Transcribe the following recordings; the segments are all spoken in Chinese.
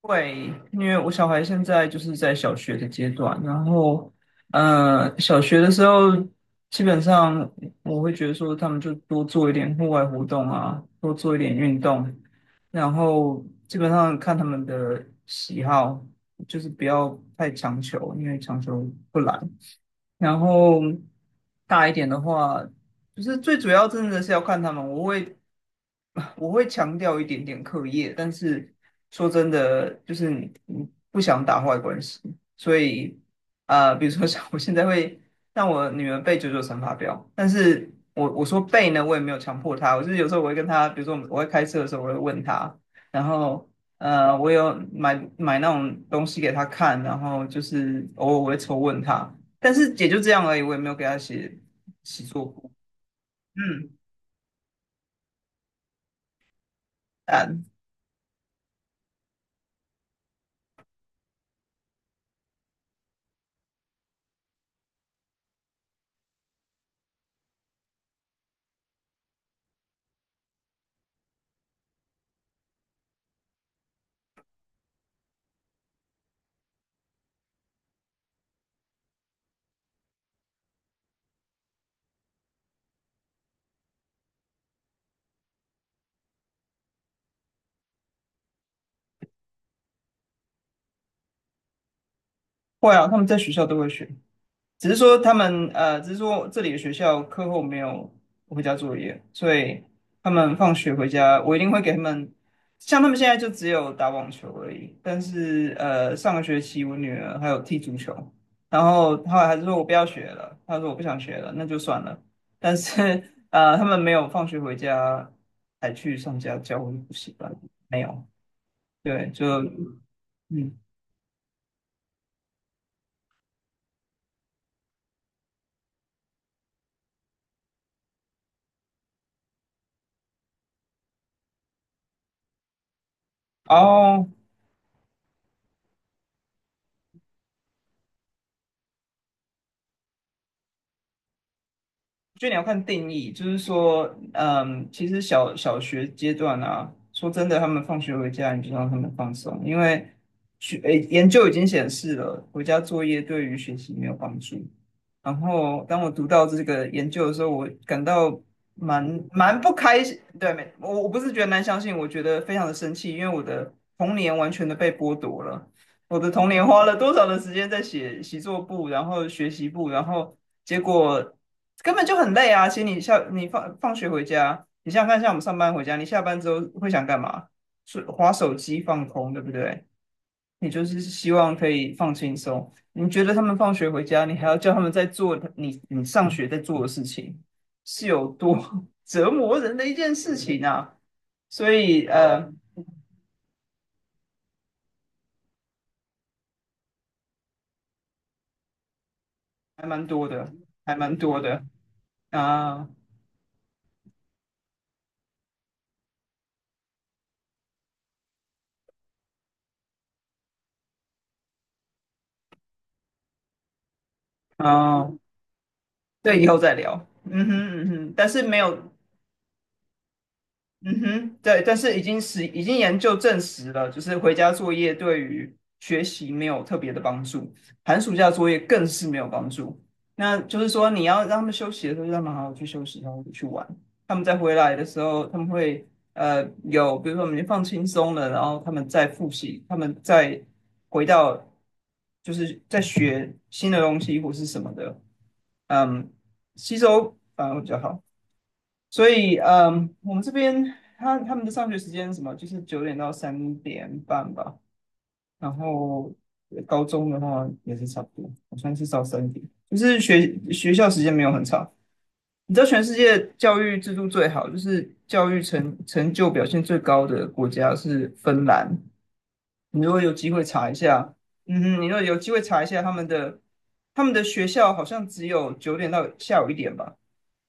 会，因为我小孩现在就是在小学的阶段，然后，小学的时候，基本上我会觉得说，他们就多做一点户外活动啊，多做一点运动，然后基本上看他们的喜好，就是不要太强求，因为强求不来。然后大一点的话，不是最主要，真的是要看他们。我会强调一点点课业，但是说真的，就是你不想打坏关系，所以比如说像我现在会让我女儿背九九乘法表，但是我说背呢，我也没有强迫她，我就是有时候我会跟她，比如说我会开车的时候，我会问她，然后我有买那种东西给她看，然后就是偶尔我会抽问她，但是也就这样而已，我也没有给她写习作簿。嗯，嗯会啊，他们在学校都会学，只是说他们只是说这里的学校课后没有回家作业，所以他们放学回家，我一定会给他们。像他们现在就只有打网球而已，但是上个学期我女儿还有踢足球，然后后来还是说我不要学了，她说我不想学了，那就算了。但是他们没有放学回家还去上家教或者补习班，没有，对，就嗯，哦。我觉得你要看定义，就是说，其实小学阶段啊，说真的，他们放学回家，你就让他们放松，因为学，诶，研究已经显示了，回家作业对于学习没有帮助。然后，当我读到这个研究的时候，我感到蛮不开心，对，没，我不是觉得难相信，我觉得非常的生气，因为我的童年完全的被剥夺了。我的童年花了多少的时间在写习作簿，然后学习簿，然后结果根本就很累啊。其实你放学回家，你想想看，像我们上班回家，你下班之后会想干嘛？是滑手机放空，对不对？你就是希望可以放轻松。你觉得他们放学回家，你还要叫他们在做你上学在做的事情，是有多 折磨人的一件事情啊！所以还蛮多的，还蛮多的啊啊，对，以后再聊。嗯哼嗯哼，但是没有嗯哼，对，但是已经是已经研究证实了，就是回家作业对于学习没有特别的帮助，寒暑假作业更是没有帮助。那就是说，你要让他们休息的时候，就让他们好好去休息，然后去玩。他们再回来的时候，他们会有，比如说我们已经放轻松了，然后他们再复习，他们再回到就是在学新的东西或是什么的，嗯，吸收反而会比较好。所以，嗯，我们这边他们的上学时间是什么，就是9点到3点半吧。然后高中的话也是差不多，好像是到三点，就是学学校时间没有很长。你知道全世界教育制度最好，就是教育成就表现最高的国家是芬兰。你如果有机会查一下，嗯哼，你如果有机会查一下他们的学校好像只有9点到下午1点吧。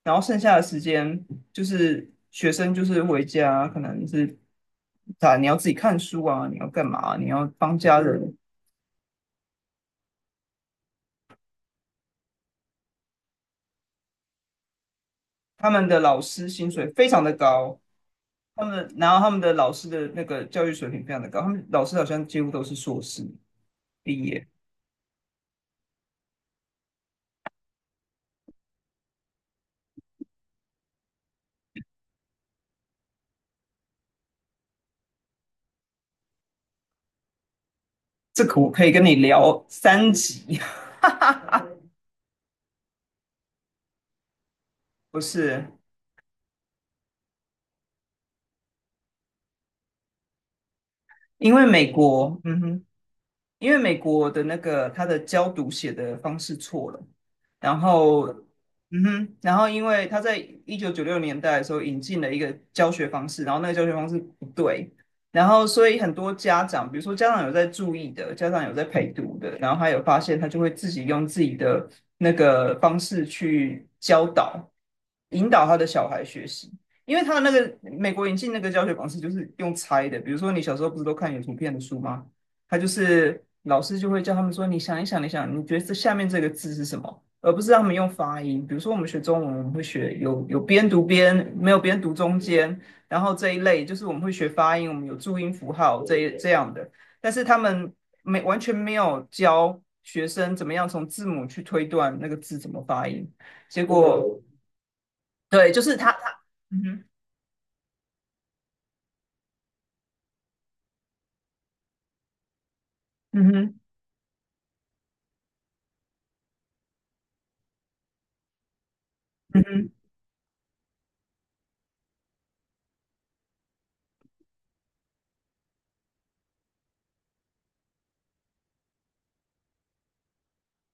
然后剩下的时间就是学生就是回家，可能是啊你要自己看书啊，你要干嘛啊？你要帮家人。他们的老师薪水非常的高，他们的老师的那个教育水平非常的高，他们老师好像几乎都是硕士毕业。这个我可以跟你聊3集，不是因为美国，嗯哼。因为美国的那个他的教读写的方式错了，然后，嗯哼，然后因为他在1996年代的时候引进了一个教学方式，然后那个教学方式不对，然后所以很多家长，比如说家长有在注意的，家长有在陪读的，然后他有发现，他就会自己用自己的那个方式去教导、引导他的小孩学习。因为他那个美国引进那个教学方式就是用猜的，比如说你小时候不是都看有图片的书吗？他就是老师就会叫他们说，你想一想，你想，你觉得这下面这个字是什么？而不是让他们用发音。比如说我们学中文，我们会学有有边读边，没有边读中间，然后这一类就是我们会学发音，我们有注音符号这样的。但是他们没完全没有教学生怎么样从字母去推断那个字怎么发音。结果对，就是他嗯哼嗯哼嗯哼，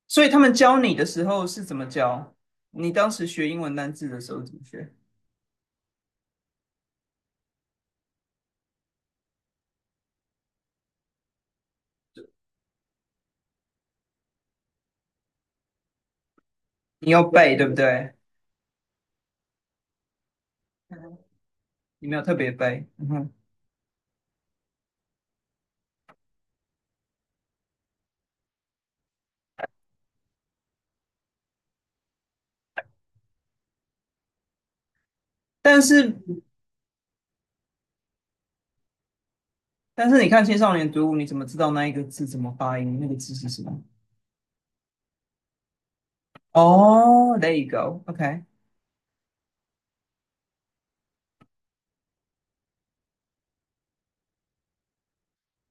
所以他们教你的时候是怎么教？你当时学英文单字的时候怎么学？你有背对不对？你没有特别背，嗯哼。但是你看青少年读物，你怎么知道那一个字怎么发音？那个字是什么？哦 oh,，there you go，OK，okay.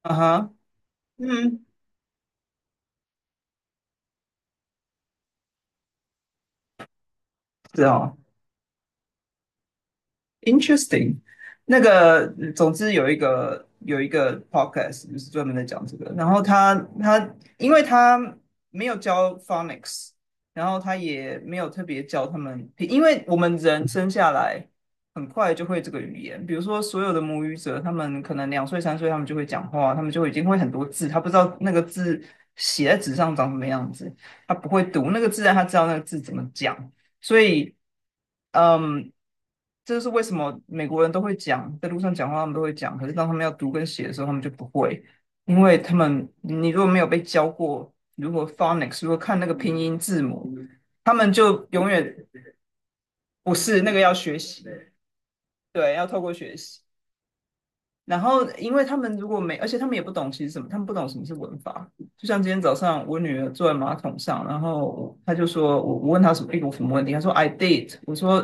啊哈，嗯，是哦。Interesting，那个，总之有一个podcast 就是专门在讲这个，然后他因为他没有教 phonics，然后他也没有特别教他们，因为我们人生下来很快就会这个语言，比如说所有的母语者，他们可能2岁3岁他们就会讲话，他们就已经会很多字，他不知道那个字写在纸上长什么样子，他不会读那个字，但他知道那个字怎么讲。所以，嗯，这就是为什么美国人都会讲，在路上讲话他们都会讲，可是当他们要读跟写的时候，他们就不会，因为他们你如果没有被教过如果 phonics，如果看那个拼音字母，他们就永远不是那个要学习，对，要透过学习。然后，因为他们如果没，而且他们也不懂其实什么，他们不懂什么是文法。就像今天早上，我女儿坐在马桶上，然后她就说，我问她什么一个什么问题，她说 I did，我说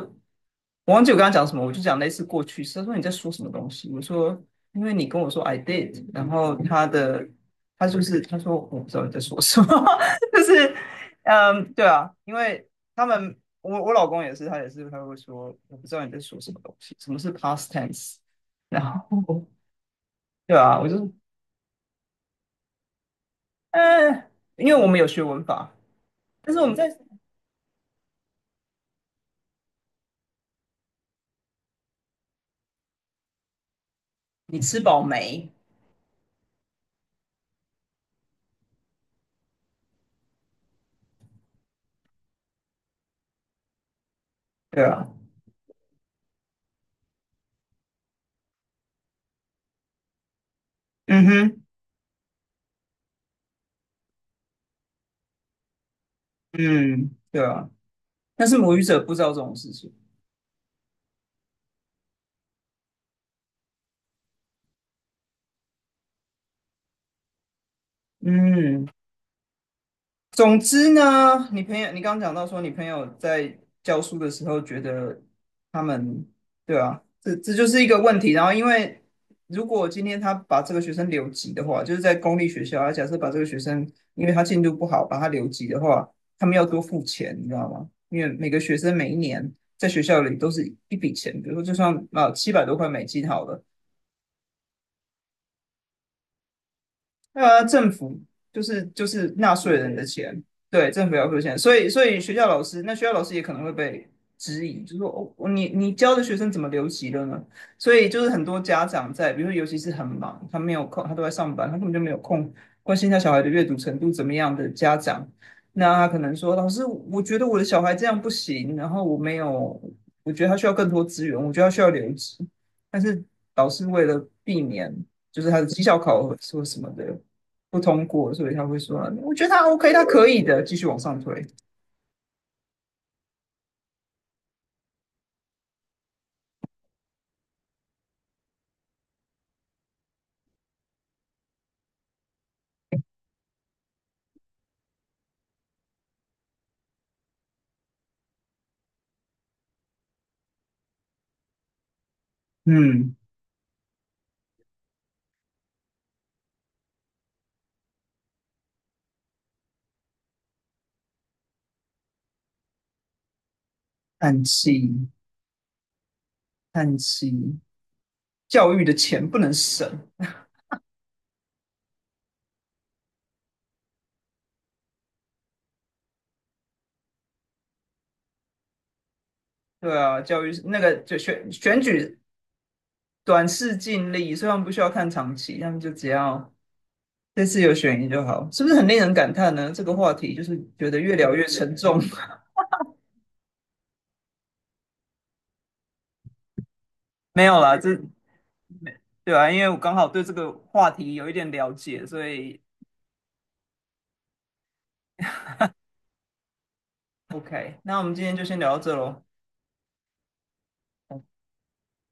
我忘记我跟她讲什么，我就讲类似过去式。她说你在说什么东西？我说因为你跟我说 I did，然后她的她就是她说我不知道你在说什么，就是嗯，对啊，因为他们我老公也是，他也是他会说我不知道你在说什么东西，什么是 past tense。然后对啊，我就是嗯，呃，因为我们有学文法，但是我们在你吃饱没？对啊，嗯哼，嗯，对啊，但是母语者不知道这种事情。嗯。总之呢，你朋友，你刚刚讲到说，你朋友在教书的时候觉得他们，对啊，这就是一个问题。然后，因为如果今天他把这个学生留级的话，就是在公立学校，他假设把这个学生，因为他进度不好，把他留级的话，他们要多付钱，你知道吗？因为每个学生每一年在学校里都是一笔钱，比如说就算啊700多块美金好了。呃，政府就是纳税人的钱，对，政府要付钱，所以学校老师，那学校老师也可能会被质疑，就说哦，你教的学生怎么留级了呢？所以就是很多家长在，比如说尤其是很忙，他没有空，他都在上班，他根本就没有空关心他小孩的阅读程度怎么样的家长，那他可能说，老师，我觉得我的小孩这样不行，然后我没有，我觉得他需要更多资源，我觉得他需要留级，但是老师为了避免就是他的绩效考核或什么的。不通过，所以他会说，我觉得他 OK，他可以的，继续往上推。嗯，叹气，叹气，教育的钱不能省。对啊，教育那个就选举短视近利，所以他们不需要看长期，他们就只要这次有选赢就好，是不是很令人感叹呢？这个话题就是觉得越聊越沉重。没有啦，对啊，因为我刚好对这个话题有一点了解，所以 OK，那我们今天就先聊到这喽。